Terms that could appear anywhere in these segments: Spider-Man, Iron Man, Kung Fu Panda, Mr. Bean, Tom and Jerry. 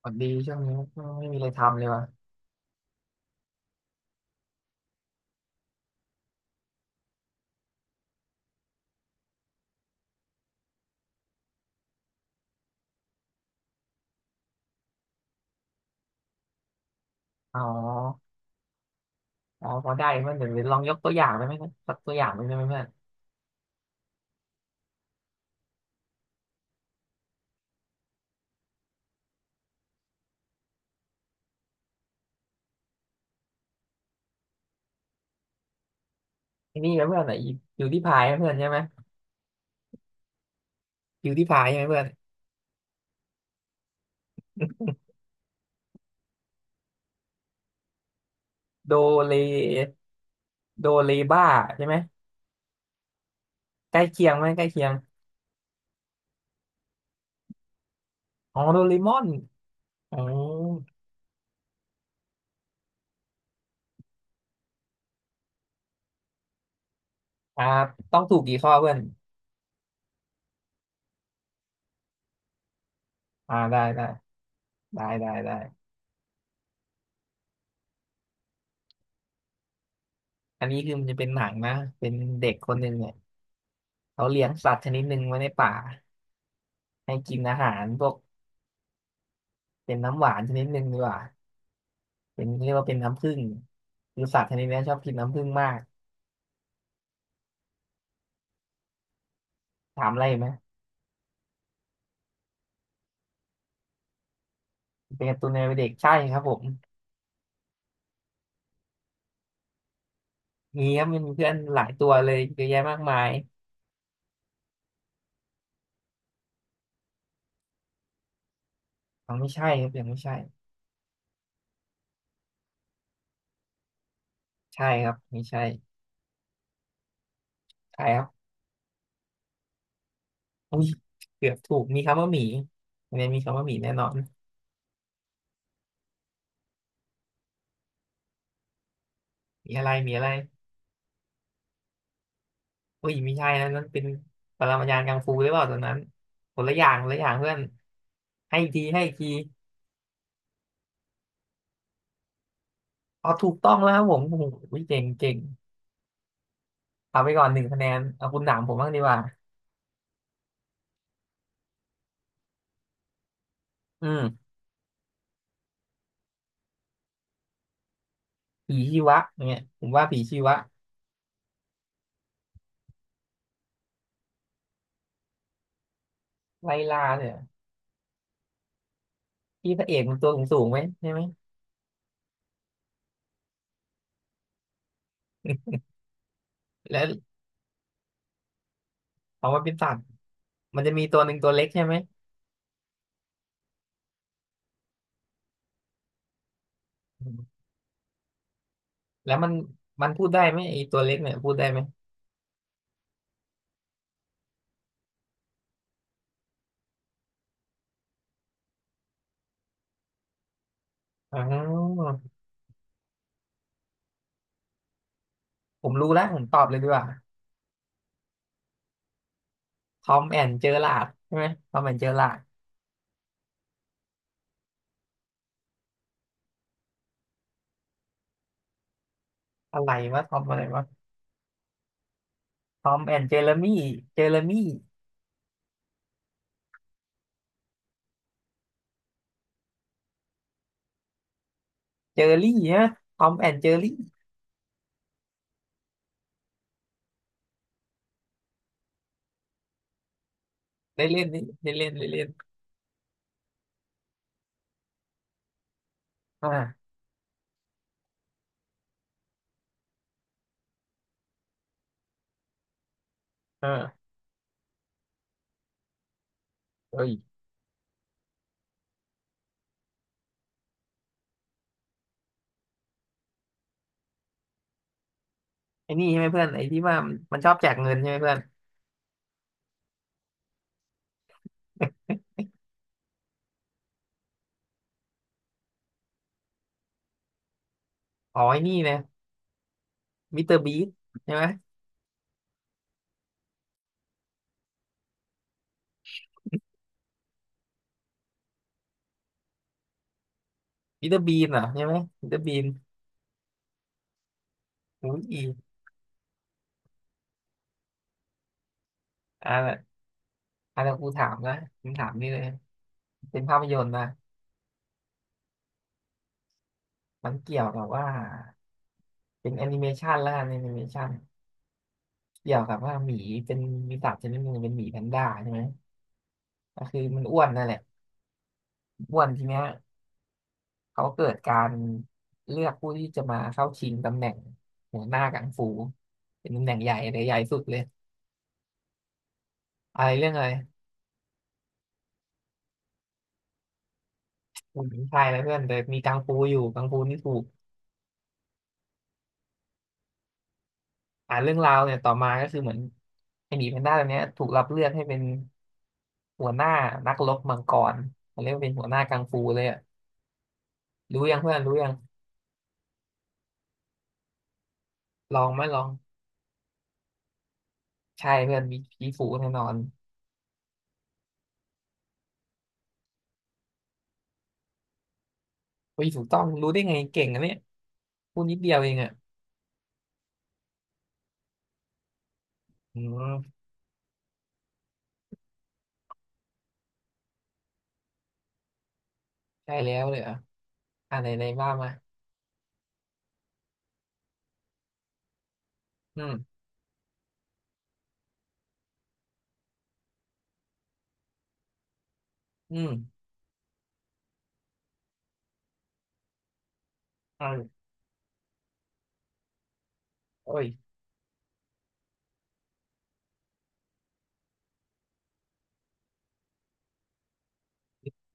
พอดีช่วงนี้ไม่มีอะไรทำเลยวะอ๋ออ๋อพอได้เพื่อนเดี๋ยวลองยกตัวอย่างได้ไหมนะสักตัวอย่างหนึ่งได้ไหมเพื่อนไอ้นี่ไหมเพื่อนไหนบิวตี้พายเพื่อนใช่ไหมบิวตี้พายใช่ไหมเพื่อนโดเลโดเลบ้าใช่ไหมใกล้เคียงไหมใกล้เคียงอ๋อโดเรมอนอ๋ออ่าต้องถูกกี่ข้อเพื่อนอ่าได้ได้ได้ได้ได้อันนี้คือมันจะเป็นหนังนะเป็นเด็กคนหนึ่งเนี่ยเขาเลี้ยงสัตว์ชนิดหนึ่งไว้ในป่าให้กินอาหารพวกเป็นน้ำหวานชนิดหนึ่งดีกว่า เป็นเรียกว่าเป็นน้ำผึ้งคือสัตว์ชนิดนี้ชอบกินน้ำผึ้งมากถามอะไรไหมเป็นการ์ตูนในวัยเด็กใช่ครับผมมีครับมนีเพื่อนหลายตัวเลยเยอะแยะมากมายอังไม่ใช่ครับยังไม่ใช่ใช่ครับไม่ใช่ใช่ครับอุ้ยเกือบถูกมีคำว่าหมีอันนี้มีคำว่าหมีแน่นอนมีอะไรมีอะไรอุ้ยไม่ใช่นะนั่นเป็นปรมาจารย์กังฟูหรือเปล่าตอนนั้นคนละอย่างคนละอย่างเพื่อนให้อีกทีให้อีกทีอ๋อถูกต้องแล้วครับผมโอ้โหเก่งเอาไปก่อนหนึ่งคะแนนเอาคุณถามผมบ้างดีกว่าอืม ผีชีวะเนี่ยผมว่าผีชีวะไล่ล่าเนี่ยที่พระเอกมันตัวสูงสูงไหมใช่ไหมแล้วออกมาเป็นสัตว์มันจะมีตัวหนึ่งตัวเล็กใช่ไหมอืมแล้วมันพูดได้ไหมไอ้ตัวเล็กเนี่ยพูดได้ไหมอ๋อผมรู้แล้วผมตอบเลยดีกว่าทอมแอนเจอราร์ดใช่ไหมทอมแอนเจอราร์ดอะไรวะทอมอะไรวะทอมแอนเจอร์มี่เจอร์มี่เจอรี่ฮะทอมแอนเจอรี่ได้เล่นนี่ได้เล่นได้เล่นอ่าเออเอ้ยไอ้นี่ใช่ไหมเพื่อนไอ้ที่ว่ามันชอบแจกเงินใช่ไหมเพื่อนอ๋อไอ้นี่นะ มิสเตอร์บีนใช่ไหมมิสเตอร์บีนเหรอใช่ไหมมิสเตอร์บีนอุ้ยออ่าอันนี้นกูถามนะผมถามนี่เลย เป็นภาพยนตร์นะมันเกี่ยวกับว่าเป็นแอนิเมชันแล้วกันแอนิเมชันเกี่ยวกับว่าหมีเป็นมีสัตว์ชนิดหนึ่งเป็นหมีแพนด้าใช่ไหมก็คือมันอ้วนนั่นแหละอ้วนทีเนี้ยเขาเกิดการเลือกผู้ที่จะมาเข้าชิงตำแหน่งหัวหน้ากังฟูเป็นตำแหน่งใหญ่เลยใหญ่สุดเลยอะไรเรื่องอะไรผมชายนะเพื่อนแต่มีกังฟูอยู่กังฟูนี่ถูก อ่านเรื่องราวเนี่ยต่อมาก็คือเหมือนไอ้หมีแพนด้าตัวเนี้ยถูกรับเลือกให้เป็นหัวหน้านักรบมังกรเขาเรียกว่าเป็นหัวหน้ากังฟูเลยอะรู้ยังเพื่อนรู้ยังลองไหมลองใช่เพื่อนมีผีฝูแน่นอนผีฝูต้องรู้ได้ไงเก่งอะเนี่ยพูดนิดเดียวเองอะอืมใช่แล้วเลยเหรออ่านไหนไหนบ้างมาอืมอืมอ่าโอ้ย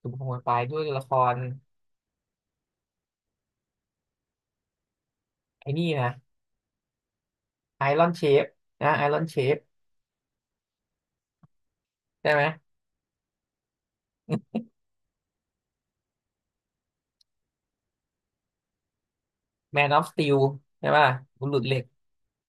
ถูกขโมยไปด้วยละครไอ้นี่นะไอรอนเชฟนะไอรอนเชฟได้ไหมแมนออฟสตีลใช่ป่ะบุรุษเหล็ก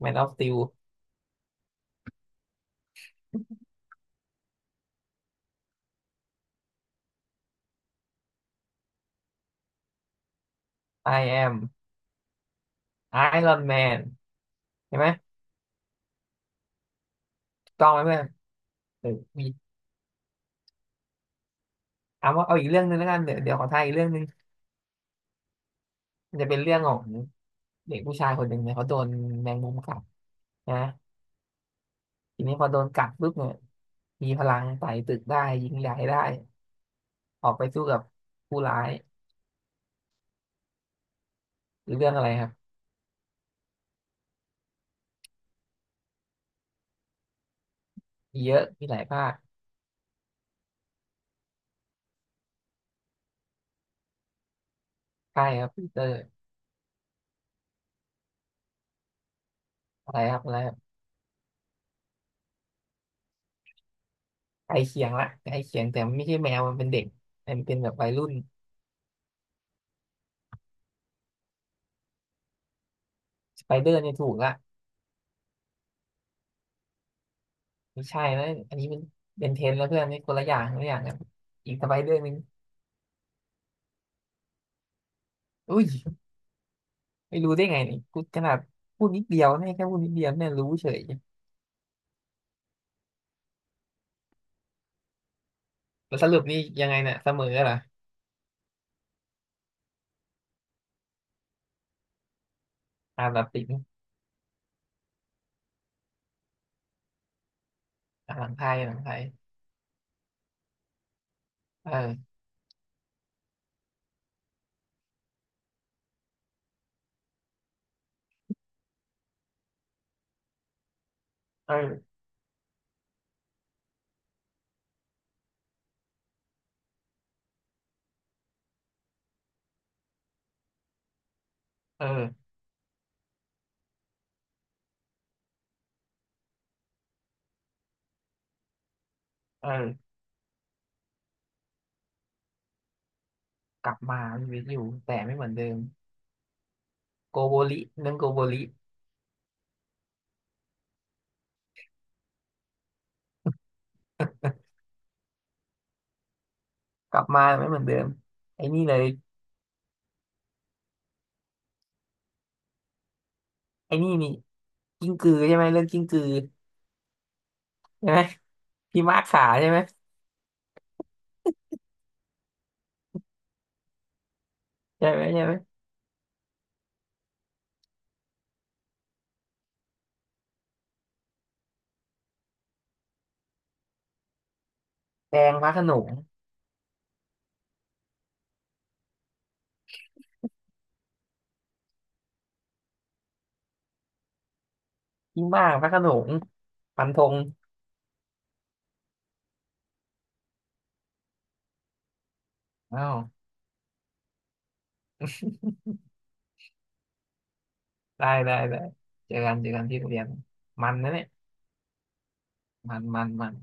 แมนออฟสตีล I am Iron Man ใช่ไหมถูกต้องไหมเพื่อนหรือมีเอาว่าเอาอีกเรื่องหนึ่งแล้วกันเดี๋ยวขอทายอีกเรื่องหนึ่งมันจะเป็นเรื่องของเด็กผู้ชายคนหนึ่งเนี่ยเขาโดนแมงมุมกัดนะทีนี้พอโดนกัดปุ๊บเนี่ยมีพลังไต่ตึกได้ยิงใหญ่ได้ออกไปสู้กับผู้ร้ายหรือเรื่องอะไรครับมีเยอะมีหลายภาคใช่ครับปีเตอร์อะไรครับอะไรครับใกล้เคียงละใกล้เคียงแต่มันไม่ใช่แมวมันเป็นเด็กมันเป็นแบบวัยรุ่นสไปเดอร์เนี่ยถูกละ ไม่ใช่นะอันนี้มันเป็นเทรนแล้วเพื่อนนี่คนละอย่างคนละอย่างกันอีกสบายเรื่องหนึงอุ้ยไม่รู้ได้ไงนี่กูขนาดพูดนิดเดียวให้แค่พูดนิดเดียวเนี่ยรู้เฉยแล้วสรุปนี่ยังไงเนี่ยเสมอเหรออ่านแบบติงอ่านหลังไทยหลังไทยเออเออเออเออกลับมามีชีวิตอยู่แต่ไม่เหมือนเดิมโกโบริเรื่องโกโบริกลับมาไม่เหมือนเดิมไอ้นี่เลยไอ้นี่นี่กิ้งกือใช่ไหมเรื่องกิ้งกือใช่ไหมพี่มากขาใช่ไหมใช่ไหมใช่ไหมแดงพระโขนง พี่มากพระโขนงฟันธงอ้าวได้ได้ได้เจอกันเจอกันที่โรงเรียนมันนะเนี่ยมัน